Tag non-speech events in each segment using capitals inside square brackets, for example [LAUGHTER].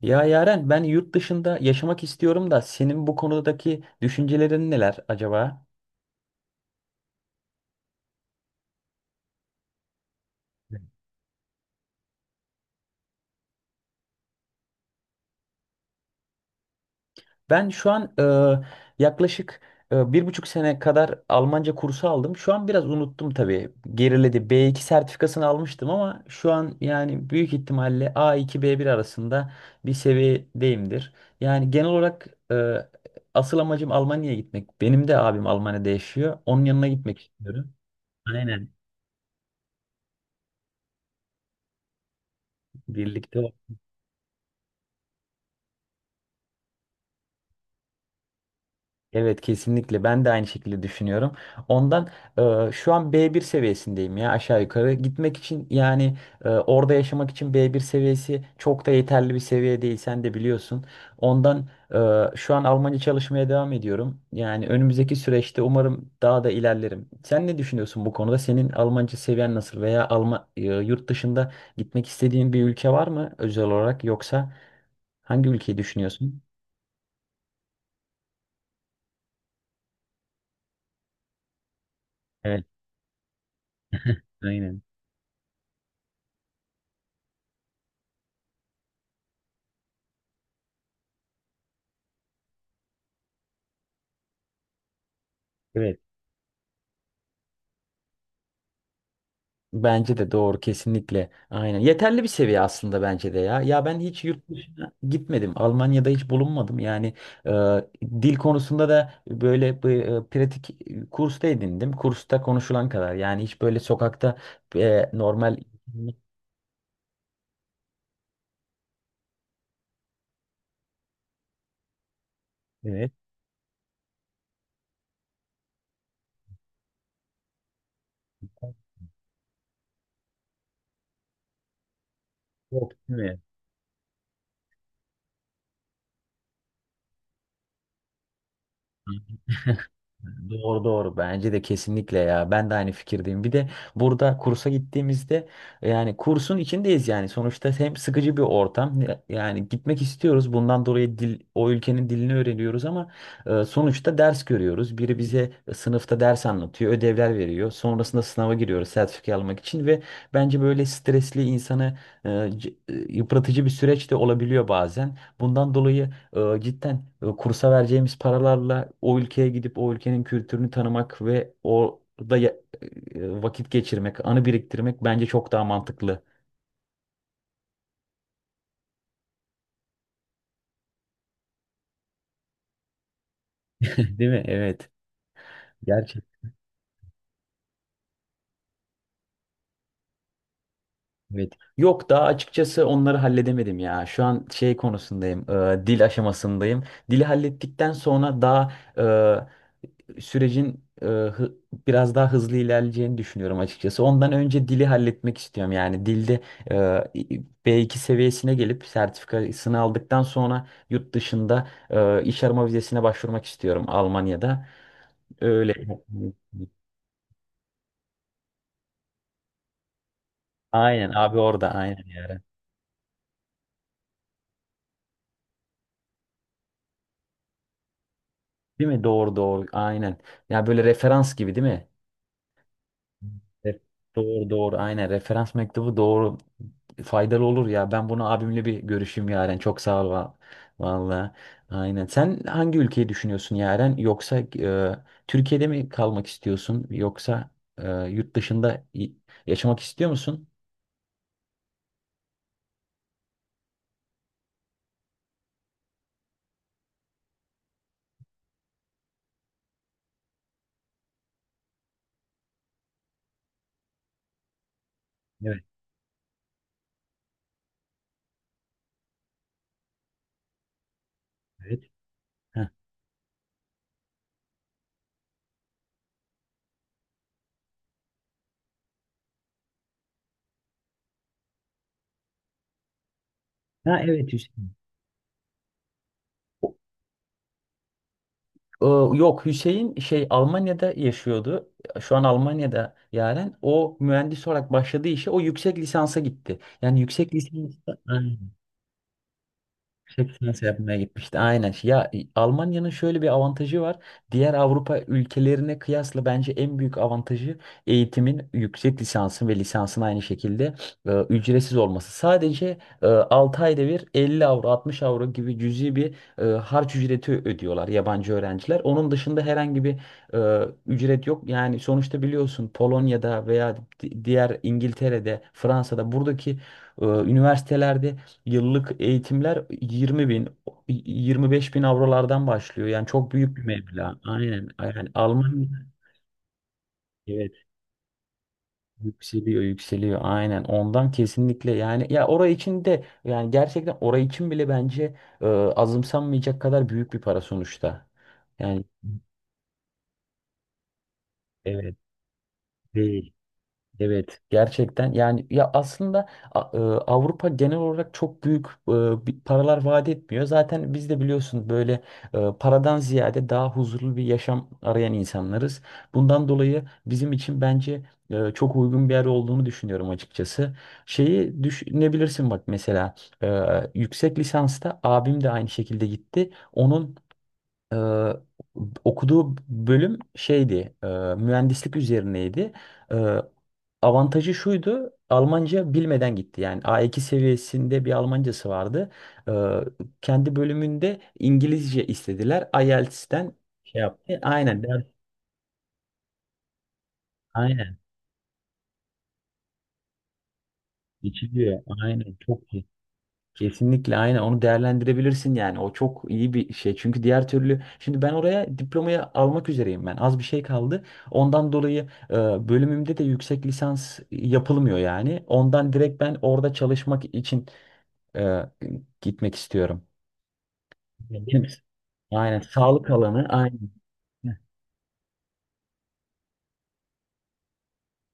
Ya Yaren ben yurt dışında yaşamak istiyorum da senin bu konudaki düşüncelerin neler acaba? Ben şu an yaklaşık 1,5 sene kadar Almanca kursu aldım. Şu an biraz unuttum tabii. Geriledi. B2 sertifikasını almıştım ama şu an yani büyük ihtimalle A2 B1 arasında bir seviyedeyimdir. Yani genel olarak asıl amacım Almanya'ya gitmek. Benim de abim Almanya'da yaşıyor. Onun yanına gitmek istiyorum. Aynen. Birlikte. Evet, kesinlikle ben de aynı şekilde düşünüyorum. Ondan şu an B1 seviyesindeyim ya, aşağı yukarı. Gitmek için yani orada yaşamak için B1 seviyesi çok da yeterli bir seviye değil, sen de biliyorsun. Ondan şu an Almanca çalışmaya devam ediyorum. Yani önümüzdeki süreçte umarım daha da ilerlerim. Sen ne düşünüyorsun bu konuda? Senin Almanca seviyen nasıl, veya Alman, yurt dışında gitmek istediğin bir ülke var mı özel olarak, yoksa hangi ülkeyi düşünüyorsun? Evet. [LAUGHS] Aynen. Evet. Bence de doğru kesinlikle. Aynen. Yeterli bir seviye aslında, bence de ya. Ya ben hiç yurt dışına gitmedim. Almanya'da hiç bulunmadım. Yani e, dil konusunda da böyle bir, pratik kursta edindim. Kursta konuşulan kadar. Yani hiç böyle sokakta normal. Evet. [LAUGHS] Yok değil mi? Doğru doğru, bence de kesinlikle ya, ben de aynı fikirdeyim. Bir de burada kursa gittiğimizde yani kursun içindeyiz, yani sonuçta hem sıkıcı bir ortam, yani gitmek istiyoruz bundan dolayı dil, o ülkenin dilini öğreniyoruz ama sonuçta ders görüyoruz, biri bize sınıfta ders anlatıyor, ödevler veriyor, sonrasında sınava giriyoruz sertifika almak için. Ve bence böyle stresli, insanı yıpratıcı bir süreç de olabiliyor bazen, bundan dolayı cidden, kursa vereceğimiz paralarla o ülkeye gidip o ülkenin kültürünü tanımak ve orada vakit geçirmek, anı biriktirmek bence çok daha mantıklı. [LAUGHS] Değil mi? Evet. Gerçekten. Evet. Yok, daha açıkçası onları halledemedim ya. Şu an şey konusundayım, dil aşamasındayım. Dili hallettikten sonra daha e, sürecin biraz daha hızlı ilerleyeceğini düşünüyorum açıkçası. Ondan önce dili halletmek istiyorum. Yani dilde B2 seviyesine gelip sertifikasını aldıktan sonra yurt dışında iş arama vizesine başvurmak istiyorum Almanya'da. Öyle. Aynen abi, orada aynen yani. Değil mi? Doğru doğru aynen. Ya böyle referans gibi değil mi? Evet, doğru doğru aynen, referans mektubu doğru, faydalı olur ya. Ben bunu abimle bir görüşeyim Yaren, çok sağ ol valla. Aynen, sen hangi ülkeyi düşünüyorsun Yaren, yoksa Türkiye'de mi kalmak istiyorsun, yoksa yurt dışında yaşamak istiyor musun? Evet, evet. Ha, ha evet, Hüseyin. O- Yok, Hüseyin şey Almanya'da yaşıyordu. Şu an Almanya'da Yaren. O mühendis olarak başladığı işe, o yüksek lisansa gitti. Yani yüksek lisans Çek seansı yapmaya gitmişti. Aynen. Ya Almanya'nın şöyle bir avantajı var. Diğer Avrupa ülkelerine kıyasla bence en büyük avantajı, eğitimin, yüksek lisansın ve lisansın aynı şekilde ücretsiz olması. Sadece 6 ayda bir 50 avro, 60 avro gibi cüzi bir harç ücreti ödüyorlar yabancı öğrenciler. Onun dışında herhangi bir ücret yok. Yani sonuçta biliyorsun, Polonya'da veya diğer, İngiltere'de, Fransa'da buradaki üniversitelerde yıllık eğitimler 20 bin, 25 bin avrolardan başlıyor. Yani çok büyük bir meblağ. Aynen. Yani Almanya, evet, yükseliyor yükseliyor. Aynen. Ondan kesinlikle yani ya, orayı için de yani, gerçekten orayı için bile bence azımsanmayacak kadar büyük bir para sonuçta. Yani evet, değil. Evet, gerçekten yani, ya aslında Avrupa genel olarak çok büyük bir paralar vaat etmiyor. Zaten biz de biliyorsun, böyle paradan ziyade daha huzurlu bir yaşam arayan insanlarız. Bundan dolayı bizim için bence çok uygun bir yer olduğunu düşünüyorum açıkçası. Şeyi düşünebilirsin bak mesela, e, yüksek lisansta abim de aynı şekilde gitti. Onun ee, okuduğu bölüm şeydi, mühendislik üzerineydi. Ee, avantajı şuydu, Almanca bilmeden gitti. Yani A2 seviyesinde bir Almancası vardı. Ee, kendi bölümünde İngilizce istediler. IELTS'ten şey yaptı. Aynen, ders, aynen. Geçiliyor. Aynen, çok iyi. Kesinlikle aynen, onu değerlendirebilirsin yani, o çok iyi bir şey. Çünkü diğer türlü şimdi ben oraya diplomayı almak üzereyim, ben az bir şey kaldı, ondan dolayı bölümümde de yüksek lisans yapılmıyor. Yani ondan direkt ben orada çalışmak için e, gitmek istiyorum. Ya benim, aynen, sağlık alanı aynen.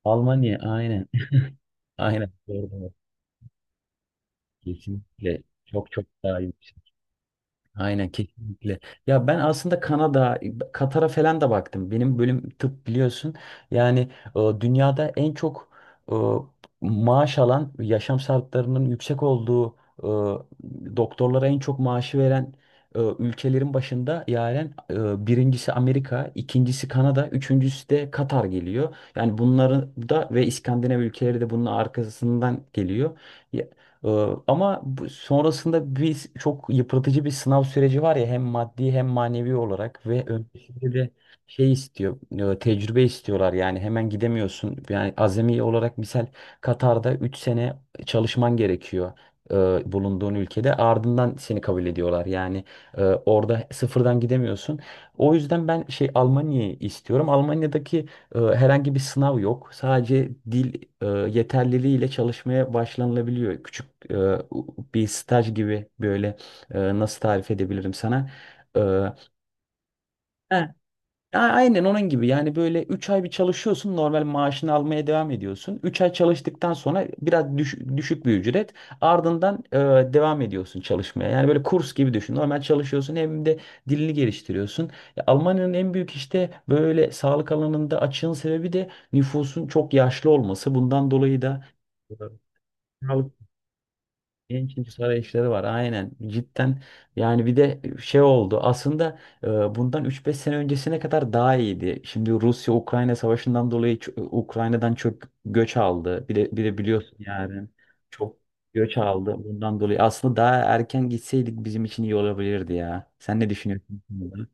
Almanya aynen. [LAUGHS] Aynen. Doğru, doğru. Kesinlikle çok çok daha iyi. Aynen kesinlikle. Ya ben aslında Kanada, Katar'a falan da baktım. Benim bölüm tıp biliyorsun. Yani dünyada en çok e, maaş alan, yaşam şartlarının yüksek olduğu, doktorlara en çok maaşı veren ülkelerin başında, yani birincisi Amerika, ikincisi Kanada, üçüncüsü de Katar geliyor. Yani bunları da, ve İskandinav ülkeleri de bunun arkasından geliyor. Ee, ama sonrasında bir çok yıpratıcı bir sınav süreci var ya, hem maddi hem manevi olarak, ve öncesinde de şey istiyor, tecrübe istiyorlar, yani hemen gidemiyorsun. Yani azami olarak, misal, Katar'da 3 sene çalışman gerekiyor, e, bulunduğun ülkede, ardından seni kabul ediyorlar. Yani orada sıfırdan gidemiyorsun. O yüzden ben şey, Almanya'yı istiyorum. Almanya'daki herhangi bir sınav yok. Sadece dil e, yeterliliğiyle çalışmaya başlanılabiliyor. Küçük e, bir staj gibi böyle, nasıl tarif edebilirim sana? E, he, aynen onun gibi yani, böyle 3 ay bir çalışıyorsun, normal maaşını almaya devam ediyorsun. 3 ay çalıştıktan sonra biraz düşük bir ücret, ardından devam ediyorsun çalışmaya. Yani böyle kurs gibi düşün, normal çalışıyorsun, hem de dilini geliştiriyorsun. Ya, Almanya'nın en büyük, işte böyle sağlık alanında açığın sebebi de nüfusun çok yaşlı olması. Bundan dolayı da genç nüfus arayışları var, aynen, cidden yani. Bir de şey oldu aslında, e, bundan üç beş sene öncesine kadar daha iyiydi. Şimdi Rusya-Ukrayna savaşından dolayı Ukrayna'dan çok göç aldı bir de, bir de biliyorsun yani, çok göç aldı, bundan dolayı aslında daha erken gitseydik bizim için iyi olabilirdi ya. Sen ne düşünüyorsun bu konuda?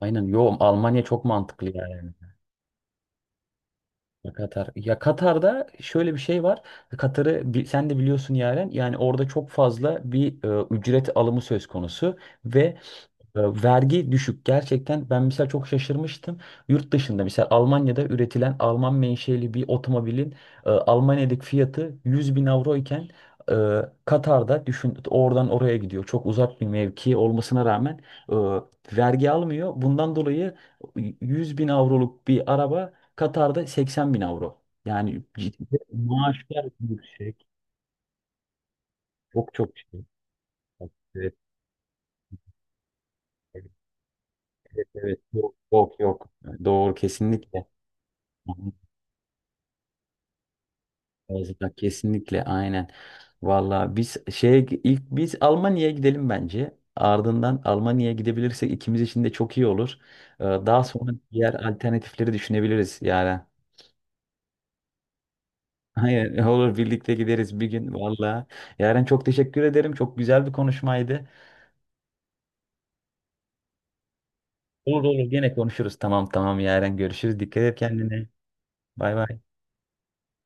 Aynen, yo, Almanya çok mantıklı yani. Ya Katar. Ya Katar'da şöyle bir şey var. Katar'ı sen de biliyorsun Yaren. Yani orada çok fazla bir ücret alımı söz konusu, ve vergi düşük gerçekten. Ben mesela çok şaşırmıştım, yurt dışında mesela Almanya'da üretilen Alman menşeli bir otomobilin Almanya'daki fiyatı 100 bin avro iken, e, Katar'da düşün, oradan oraya gidiyor, çok uzak bir mevki olmasına rağmen vergi almıyor, bundan dolayı 100 bin avroluk bir araba Katar'da 80 bin avro, yani ciddi maaşlar yüksek, çok çok şey. Evet, evet, evet. Yok, yok, yok. Doğru, kesinlikle. Fazla, kesinlikle aynen. Vallahi biz şeye, ilk biz Almanya'ya gidelim bence. Ardından Almanya'ya gidebilirsek ikimiz için de çok iyi olur. Daha sonra diğer alternatifleri düşünebiliriz yani. [LAUGHS] Hayır, olur, birlikte gideriz bir gün vallahi. Yaren çok teşekkür ederim. Çok güzel bir konuşmaydı. Olur olur, gene konuşuruz. Tamam tamam Yaren, görüşürüz. Dikkat et kendine. Bay bay.